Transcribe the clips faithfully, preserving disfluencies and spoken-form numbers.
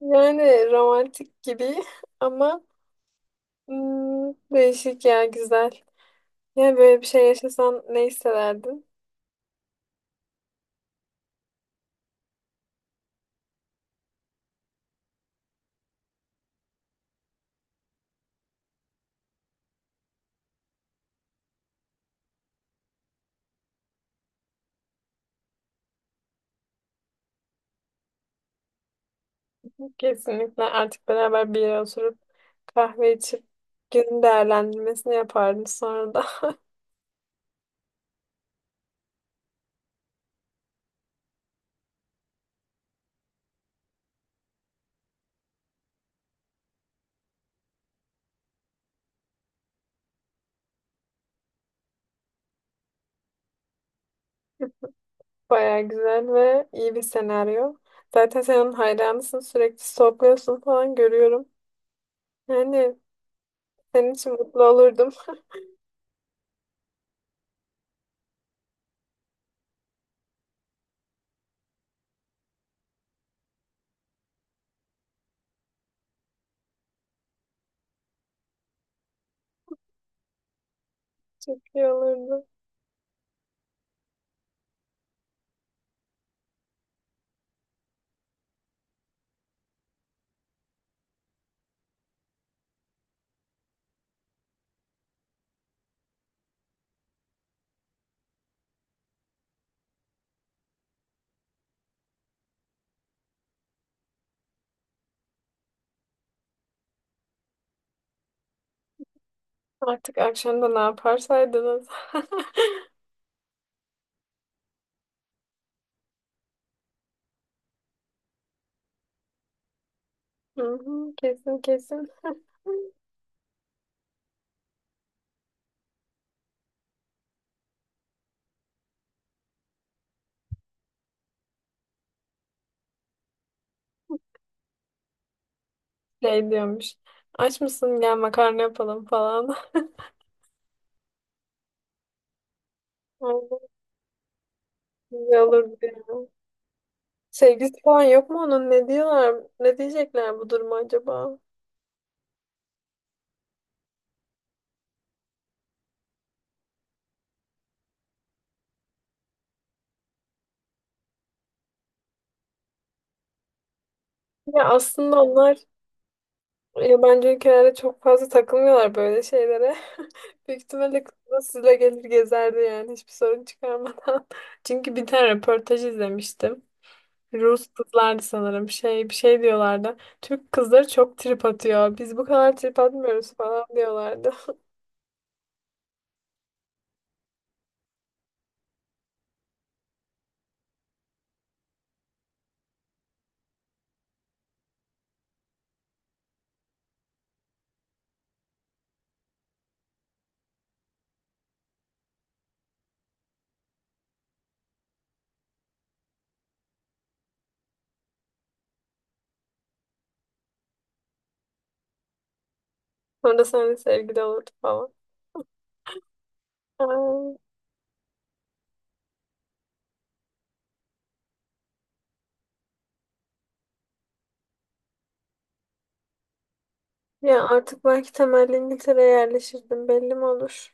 Yani romantik gibi ama hmm, değişik ya güzel. Ya böyle bir şey yaşasan ne hissederdin? Kesinlikle artık beraber bir yere oturup kahve içip günün değerlendirmesini yapardın sonra da. Baya güzel ve iyi bir senaryo. Zaten sen onun hayranısın, sürekli stalkluyorsun falan görüyorum. Yani senin için mutlu olurdum. Çok iyi olurdu. Artık akşam da ne yaparsaydınız. Hı hı, kesin kesin. Şey diyormuş. Aç mısın, gel makarna yapalım falan. Aynen, güzel olur diyor. Sevgisi falan yok mu onun? Ne diyorlar? Ne diyecekler bu duruma acaba? Ya aslında onlar yabancı ülkelerde çok fazla takılmıyorlar böyle şeylere. Büyük ihtimalle kız da sizle gelir gezerdi, yani hiçbir sorun çıkarmadan. Çünkü bir tane röportaj izlemiştim. Rus kızlardı sanırım. Şey, bir şey diyorlardı. Türk kızları çok trip atıyor. Biz bu kadar trip atmıyoruz falan diyorlardı. Sonra seninle sevgili olurdu falan. Ay, ya artık belki temelli İngiltere'ye yerleşirdim. Belli mi olur?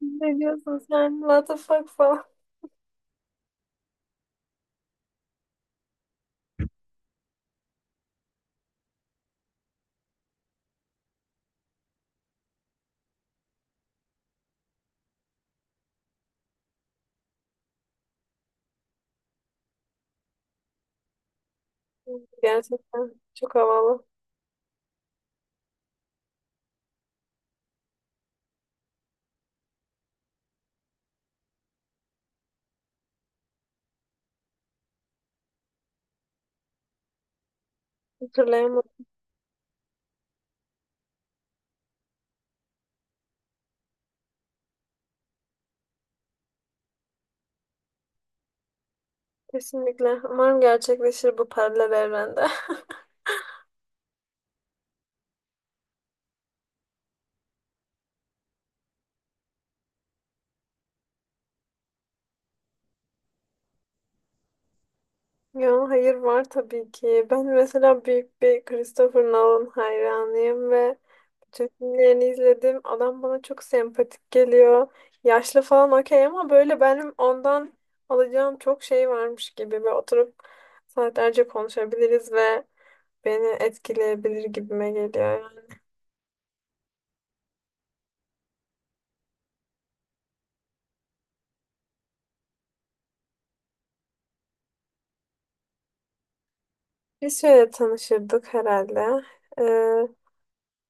Ne diyorsun sen? What the fuck falan. Gerçekten çok havalı. Hatırlayamadım. Kesinlikle. Umarım gerçekleşir bu paralel evrende. Ya hayır, var tabii ki. Ben mesela büyük bir Christopher Nolan hayranıyım ve tüm filmlerini izledim. Adam bana çok sempatik geliyor. Yaşlı falan okey, ama böyle benim ondan alacağım çok şey varmış gibi. Ve oturup saatlerce konuşabiliriz ve beni etkileyebilir gibime geliyor. Yani. Biz şöyle tanışırdık herhalde. Ee,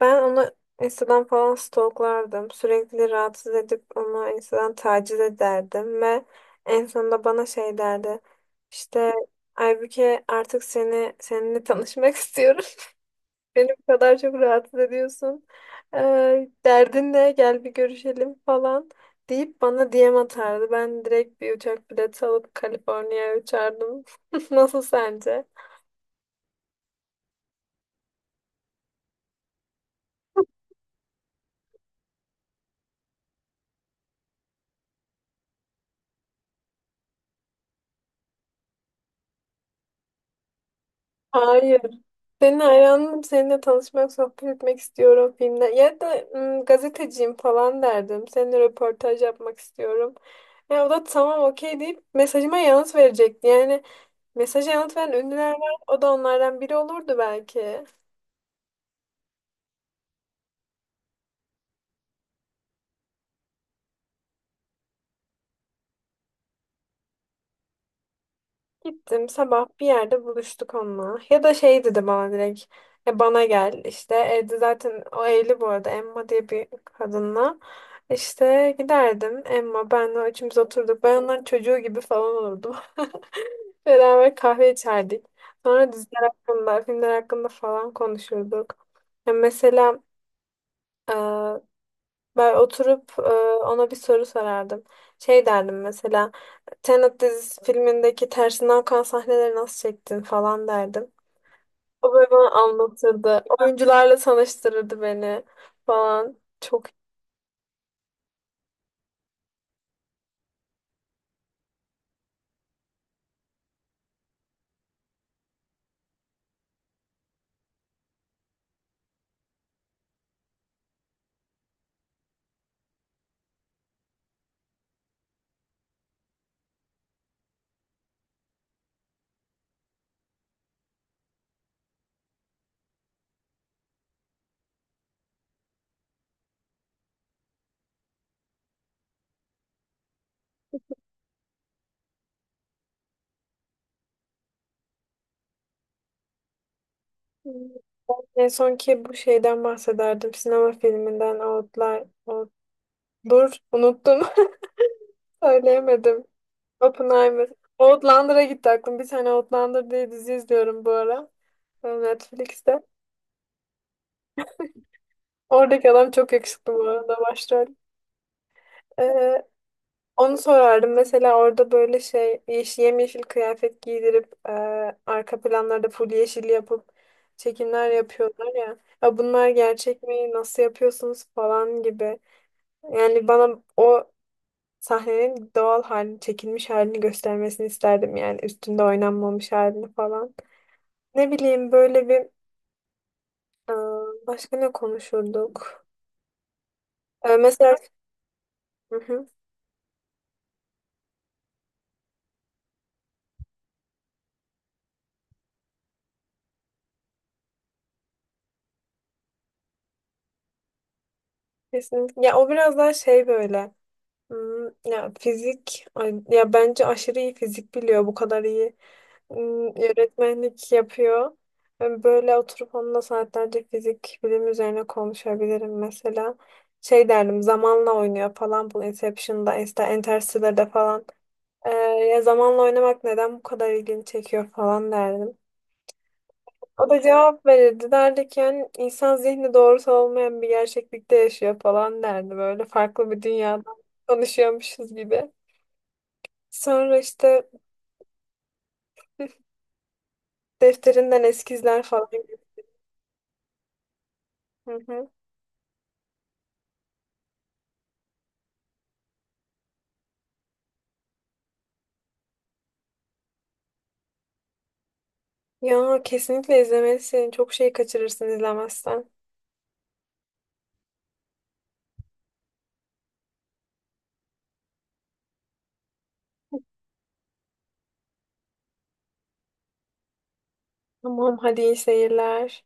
ben onu Instagram falan stalklardım. Sürekli rahatsız edip onu Instagram taciz ederdim ve en sonunda bana şey derdi. İşte Aybüke, artık seni seninle tanışmak istiyorum. Beni bu kadar çok rahatsız ediyorsun. Ee, derdin ne? Gel bir görüşelim falan deyip bana D M atardı. Ben direkt bir uçak bileti alıp Kaliforniya'ya uçardım. Nasıl sence? Hayır. Senin hayranım. Seninle tanışmak, sohbet etmek istiyorum filmde. Ya da ım, gazeteciyim falan derdim. Seninle röportaj yapmak istiyorum. Ya o da tamam okey deyip mesajıma yanıt verecekti. Yani mesaja yanıt veren ünlüler var. O da onlardan biri olurdu belki. Gittim sabah bir yerde buluştuk onunla. Ya da şey dedi bana direkt. E bana gel işte, evde zaten o evli bu arada, Emma diye bir kadınla. İşte giderdim, Emma benle üçümüz oturduk. Ben onların çocuğu gibi falan olurdum. Beraber kahve içerdik. Sonra diziler hakkında, filmler hakkında falan konuşurduk. Ya mesela e, ben oturup e, ona bir soru sorardım. Şey derdim mesela, Tenet dizisi filmindeki tersinden akan sahneleri nasıl çektin falan derdim. O böyle bana anlatırdı. Oyuncularla tanıştırırdı beni falan. Çok iyi. En son ki bu şeyden bahsederdim. Sinema filminden Outlier. Out- Dur unuttum. Söyleyemedim. Oppenheimer. Outlander'a gitti aklım. Bir tane Outlander diye dizi izliyorum bu ara. Netflix'te. Oradaki adam çok yakışıklı bu arada, başrol. Ee, Onu sorardım. Mesela orada böyle şey yeş- yemyeşil kıyafet giydirip e, arka planlarda full yeşil yapıp çekimler yapıyorlar ya. Ya bunlar gerçek mi? Nasıl yapıyorsunuz falan gibi. Yani bana o sahnenin doğal halini, çekilmiş halini göstermesini isterdim, yani üstünde oynanmamış halini falan. Ne bileyim, böyle bir e, başka ne konuşurduk? E, mesela, hı hı, kesinlikle. Ya o biraz daha şey böyle. Hmm, Ya fizik ay- ya bence aşırı iyi fizik biliyor, bu kadar iyi Hmm, öğretmenlik yapıyor. Ben böyle oturup onunla saatlerce fizik bilim üzerine konuşabilirim mesela. Şey derdim, zamanla oynuyor falan bu Inception'da, Insta- Interstellar'da falan. Ee, ya zamanla oynamak neden bu kadar ilgini çekiyor falan derdim. O da cevap verirdi, derdi ki yani insan zihni doğrusu olmayan bir gerçeklikte yaşıyor falan derdi, böyle farklı bir dünyada konuşuyormuşuz gibi. Sonra işte defterinden eskizler falan. Gibi. Hı hı. Ya kesinlikle izlemelisin. Çok şey kaçırırsın izlemezsen. Tamam hadi, iyi seyirler.